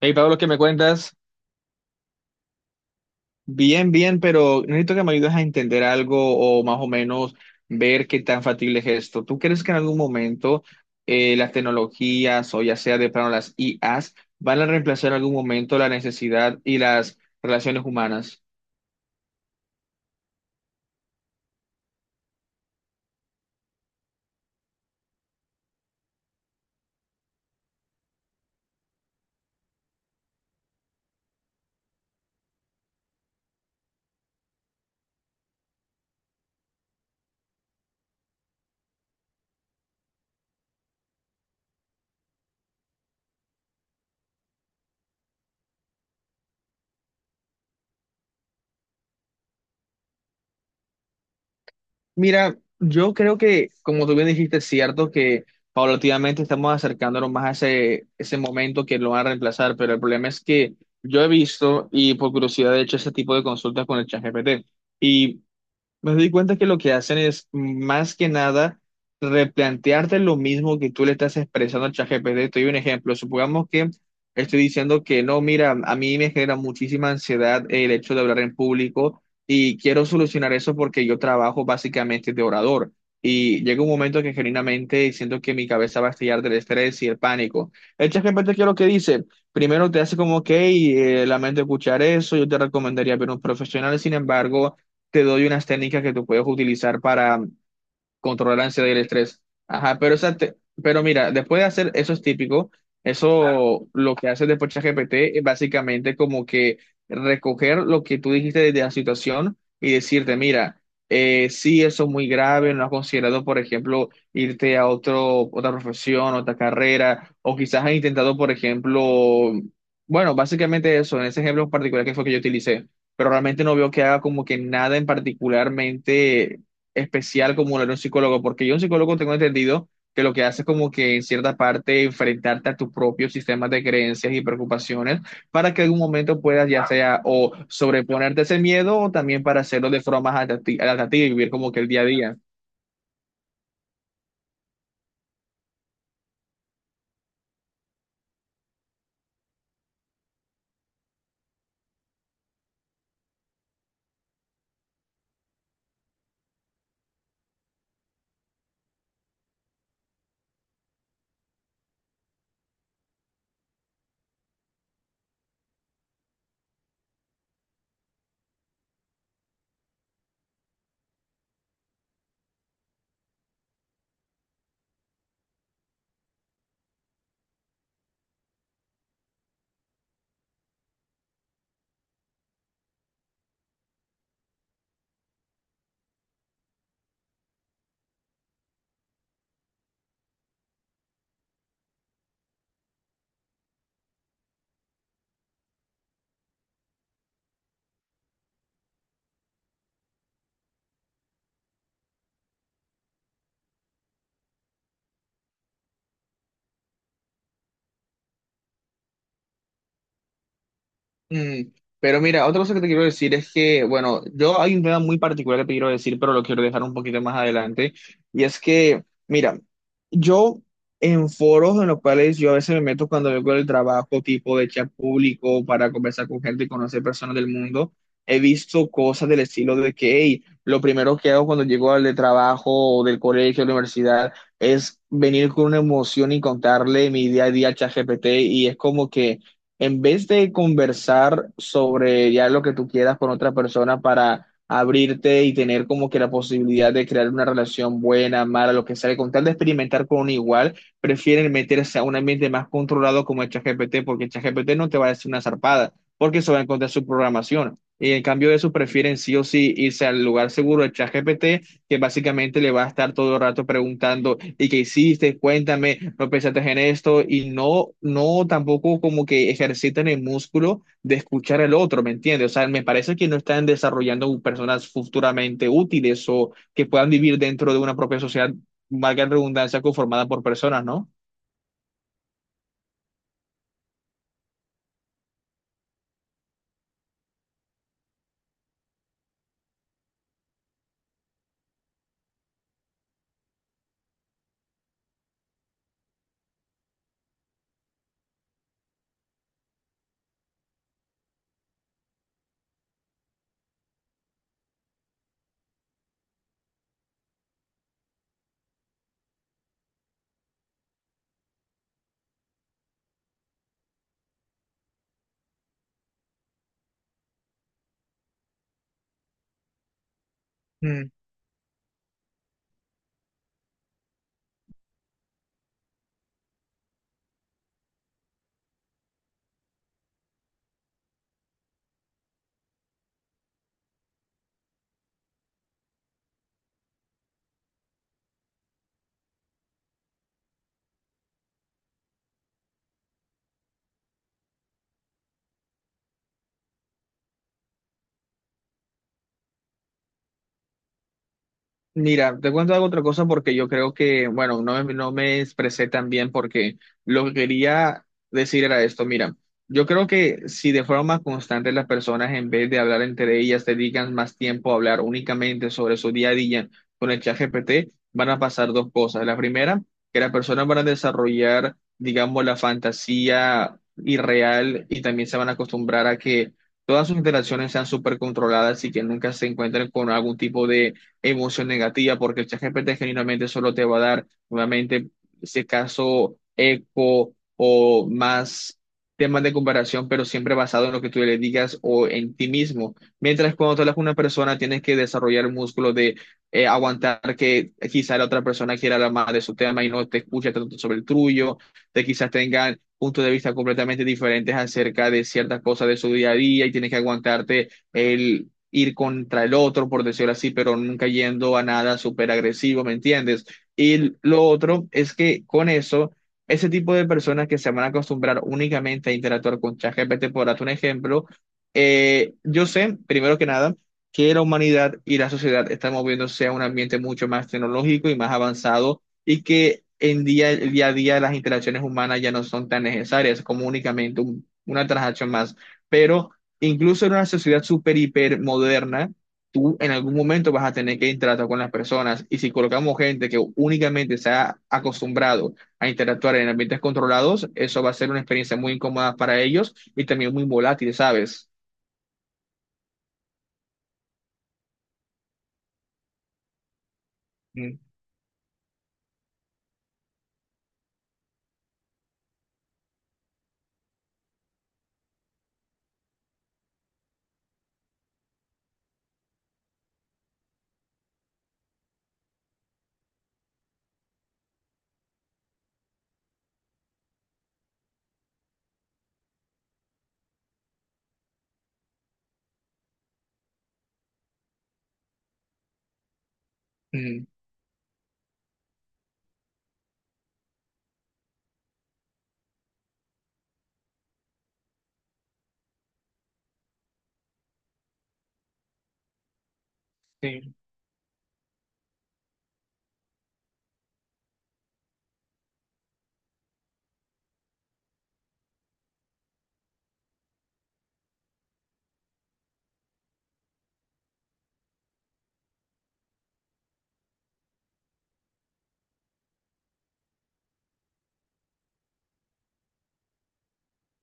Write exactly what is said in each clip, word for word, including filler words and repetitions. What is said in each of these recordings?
Hey Pablo, ¿qué me cuentas? Bien, bien, pero necesito que me ayudes a entender algo o más o menos ver qué tan factible es esto. ¿Tú crees que en algún momento eh, las tecnologías o ya sea de plano las I As van a reemplazar en algún momento la necesidad y las relaciones humanas? Mira, yo creo que, como tú bien dijiste, es cierto que paulatinamente estamos acercándonos más a ese, ese momento que lo van a reemplazar, pero el problema es que yo he visto y por curiosidad he hecho ese tipo de consultas con el ChatGPT. Y me doy cuenta que lo que hacen es más que nada replantearte lo mismo que tú le estás expresando al ChatGPT. Te doy un ejemplo. Supongamos que estoy diciendo que no, mira, a mí me genera muchísima ansiedad el hecho de hablar en público y quiero solucionar eso porque yo trabajo básicamente de orador. Y llega un momento que genuinamente siento que mi cabeza va a estallar del estrés y el pánico. El ChatGPT, ¿qué es lo que dice? Primero te hace como, ok, eh, lamento escuchar eso, yo te recomendaría ver un profesional, sin embargo te doy unas técnicas que tú puedes utilizar para controlar la ansiedad y el estrés. Ajá, pero, esa te- pero mira, después de hacer eso es típico, claro. Eso lo que hace después ChatGPT es básicamente como que recoger lo que tú dijiste desde la situación y decirte, mira, eh, sí, eso es muy grave, no has considerado, por ejemplo, irte a otro, otra profesión, otra carrera, o quizás has intentado, por ejemplo, bueno, básicamente eso, en ese ejemplo particular que fue que yo utilicé, pero realmente no veo que haga como que nada en particularmente especial como lo era un psicólogo, porque yo un psicólogo tengo entendido que lo que hace es como que en cierta parte enfrentarte a tus propios sistemas de creencias y preocupaciones para que en algún momento puedas ya sea o sobreponerte a ese miedo o también para hacerlo de forma más adapti- adaptativa y vivir como que el día a día. Mm, pero mira, otra cosa que te quiero decir es que, bueno, yo hay un tema muy particular que te quiero decir, pero lo quiero dejar un poquito más adelante. Y es que, mira, yo en foros en los cuales yo a veces me meto cuando vengo del trabajo, tipo de chat público, para conversar con gente y conocer personas del mundo, he visto cosas del estilo de que, hey, lo primero que hago cuando llego al de trabajo o del colegio, de la universidad, es venir con una emoción y contarle mi día a día al ChatGPT. Y es como que... En vez de conversar sobre ya lo que tú quieras con otra persona para abrirte y tener como que la posibilidad de crear una relación buena, mala, lo que sea, con tal de experimentar con un igual, prefieren meterse a un ambiente más controlado como el ChatGPT, porque el ChatGPT no te va a decir una zarpada, porque se va a encontrar su programación. Y en cambio de eso, prefieren sí o sí irse al lugar seguro del ChatGPT que básicamente le va a estar todo el rato preguntando, ¿y qué hiciste? Cuéntame, ¿no pensaste en esto? Y no, no tampoco como que ejercitan el músculo de escuchar al otro, ¿me entiendes? O sea, me parece que no están desarrollando personas futuramente útiles o que puedan vivir dentro de una propia sociedad, valga la redundancia, conformada por personas, ¿no? Mira, te cuento algo otra cosa porque yo creo que, bueno, no me, no me expresé tan bien porque lo que quería decir era esto. Mira, yo creo que si de forma constante las personas en vez de hablar entre ellas dedican más tiempo a hablar únicamente sobre su día a día con el ChatGPT, van a pasar dos cosas. La primera, que las personas van a desarrollar, digamos, la fantasía irreal y también se van a acostumbrar a que todas sus interacciones sean súper controladas y que nunca se encuentren con algún tipo de emoción negativa, porque el ChatGPT genuinamente solo te va a dar, nuevamente, si acaso, eco o más temas de comparación, pero siempre basado en lo que tú le digas o en ti mismo. Mientras cuando tú hablas con una persona, tienes que desarrollar el músculo de eh, aguantar que quizá la otra persona quiera hablar más de su tema y no te escucha tanto sobre el tuyo, de quizás tengan puntos de vista completamente diferentes acerca de ciertas cosas de su día a día y tienes que aguantarte el ir contra el otro, por decirlo así, pero nunca yendo a nada súper agresivo, ¿me entiendes? Y lo otro es que con eso, ese tipo de personas que se van a acostumbrar únicamente a interactuar con ChatGPT, por darte un ejemplo, eh, yo sé, primero que nada, que la humanidad y la sociedad están moviéndose a un ambiente mucho más tecnológico y más avanzado y que en día, el día a día las interacciones humanas ya no son tan necesarias como únicamente un- una transacción más. Pero incluso en una sociedad súper, hiper moderna, tú en algún momento vas a tener que interactuar con las personas. Y si colocamos gente que únicamente se ha acostumbrado a interactuar en ambientes controlados, eso va a ser una experiencia muy incómoda para ellos y también muy volátil, ¿sabes? Mm, mm, sí,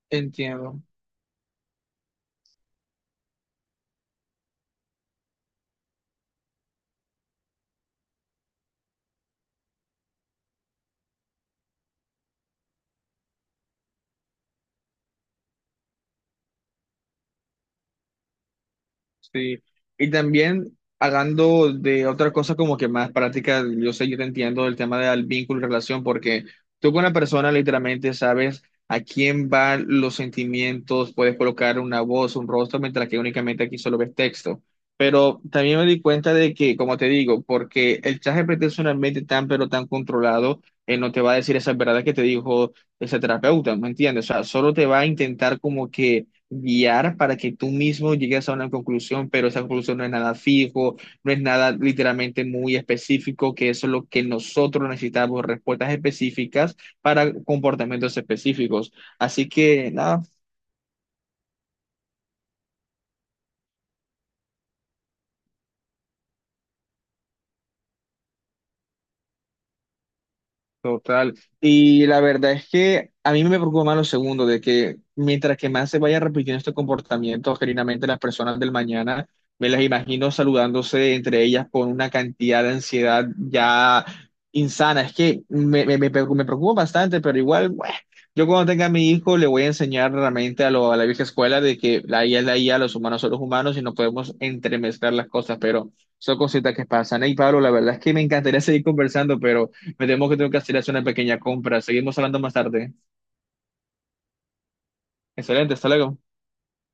entiendo. Sí, y también hablando de otra cosa como que más práctica, yo sé, yo te entiendo el tema del vínculo y relación, porque tú con la persona literalmente sabes a quién van los sentimientos, puedes colocar una voz, un rostro, mientras que únicamente aquí solo ves texto. Pero también me di cuenta de que, como te digo, porque el ChatGPT es un ambiente tan, pero tan controlado, él no te va a decir esas verdades que te dijo ese terapeuta, ¿me entiendes? O sea, solo te va a intentar como que guiar para que tú mismo llegues a una conclusión, pero esa conclusión no es nada fijo, no es nada literalmente muy específico, que eso es lo que nosotros necesitamos, respuestas específicas para comportamientos específicos. Así que nada, total. Y la verdad es que a mí me preocupa más lo segundo, de que mientras que más se vaya repitiendo este comportamiento, genuinamente las personas del mañana, me las imagino saludándose entre ellas con una cantidad de ansiedad ya insana. Es que me, me, me preocu- me preocupa bastante, pero igual, bueno, yo cuando tenga a mi hijo le voy a enseñar realmente a, lo, a la vieja escuela de que la I A es la I A, los humanos son los humanos y no podemos entremezclar las cosas, pero son cositas que pasan. Y Pablo, la verdad es que me encantaría seguir conversando, pero... Me temo que tengo que hacer hacer una pequeña compra. Seguimos hablando más tarde. Excelente, hasta luego.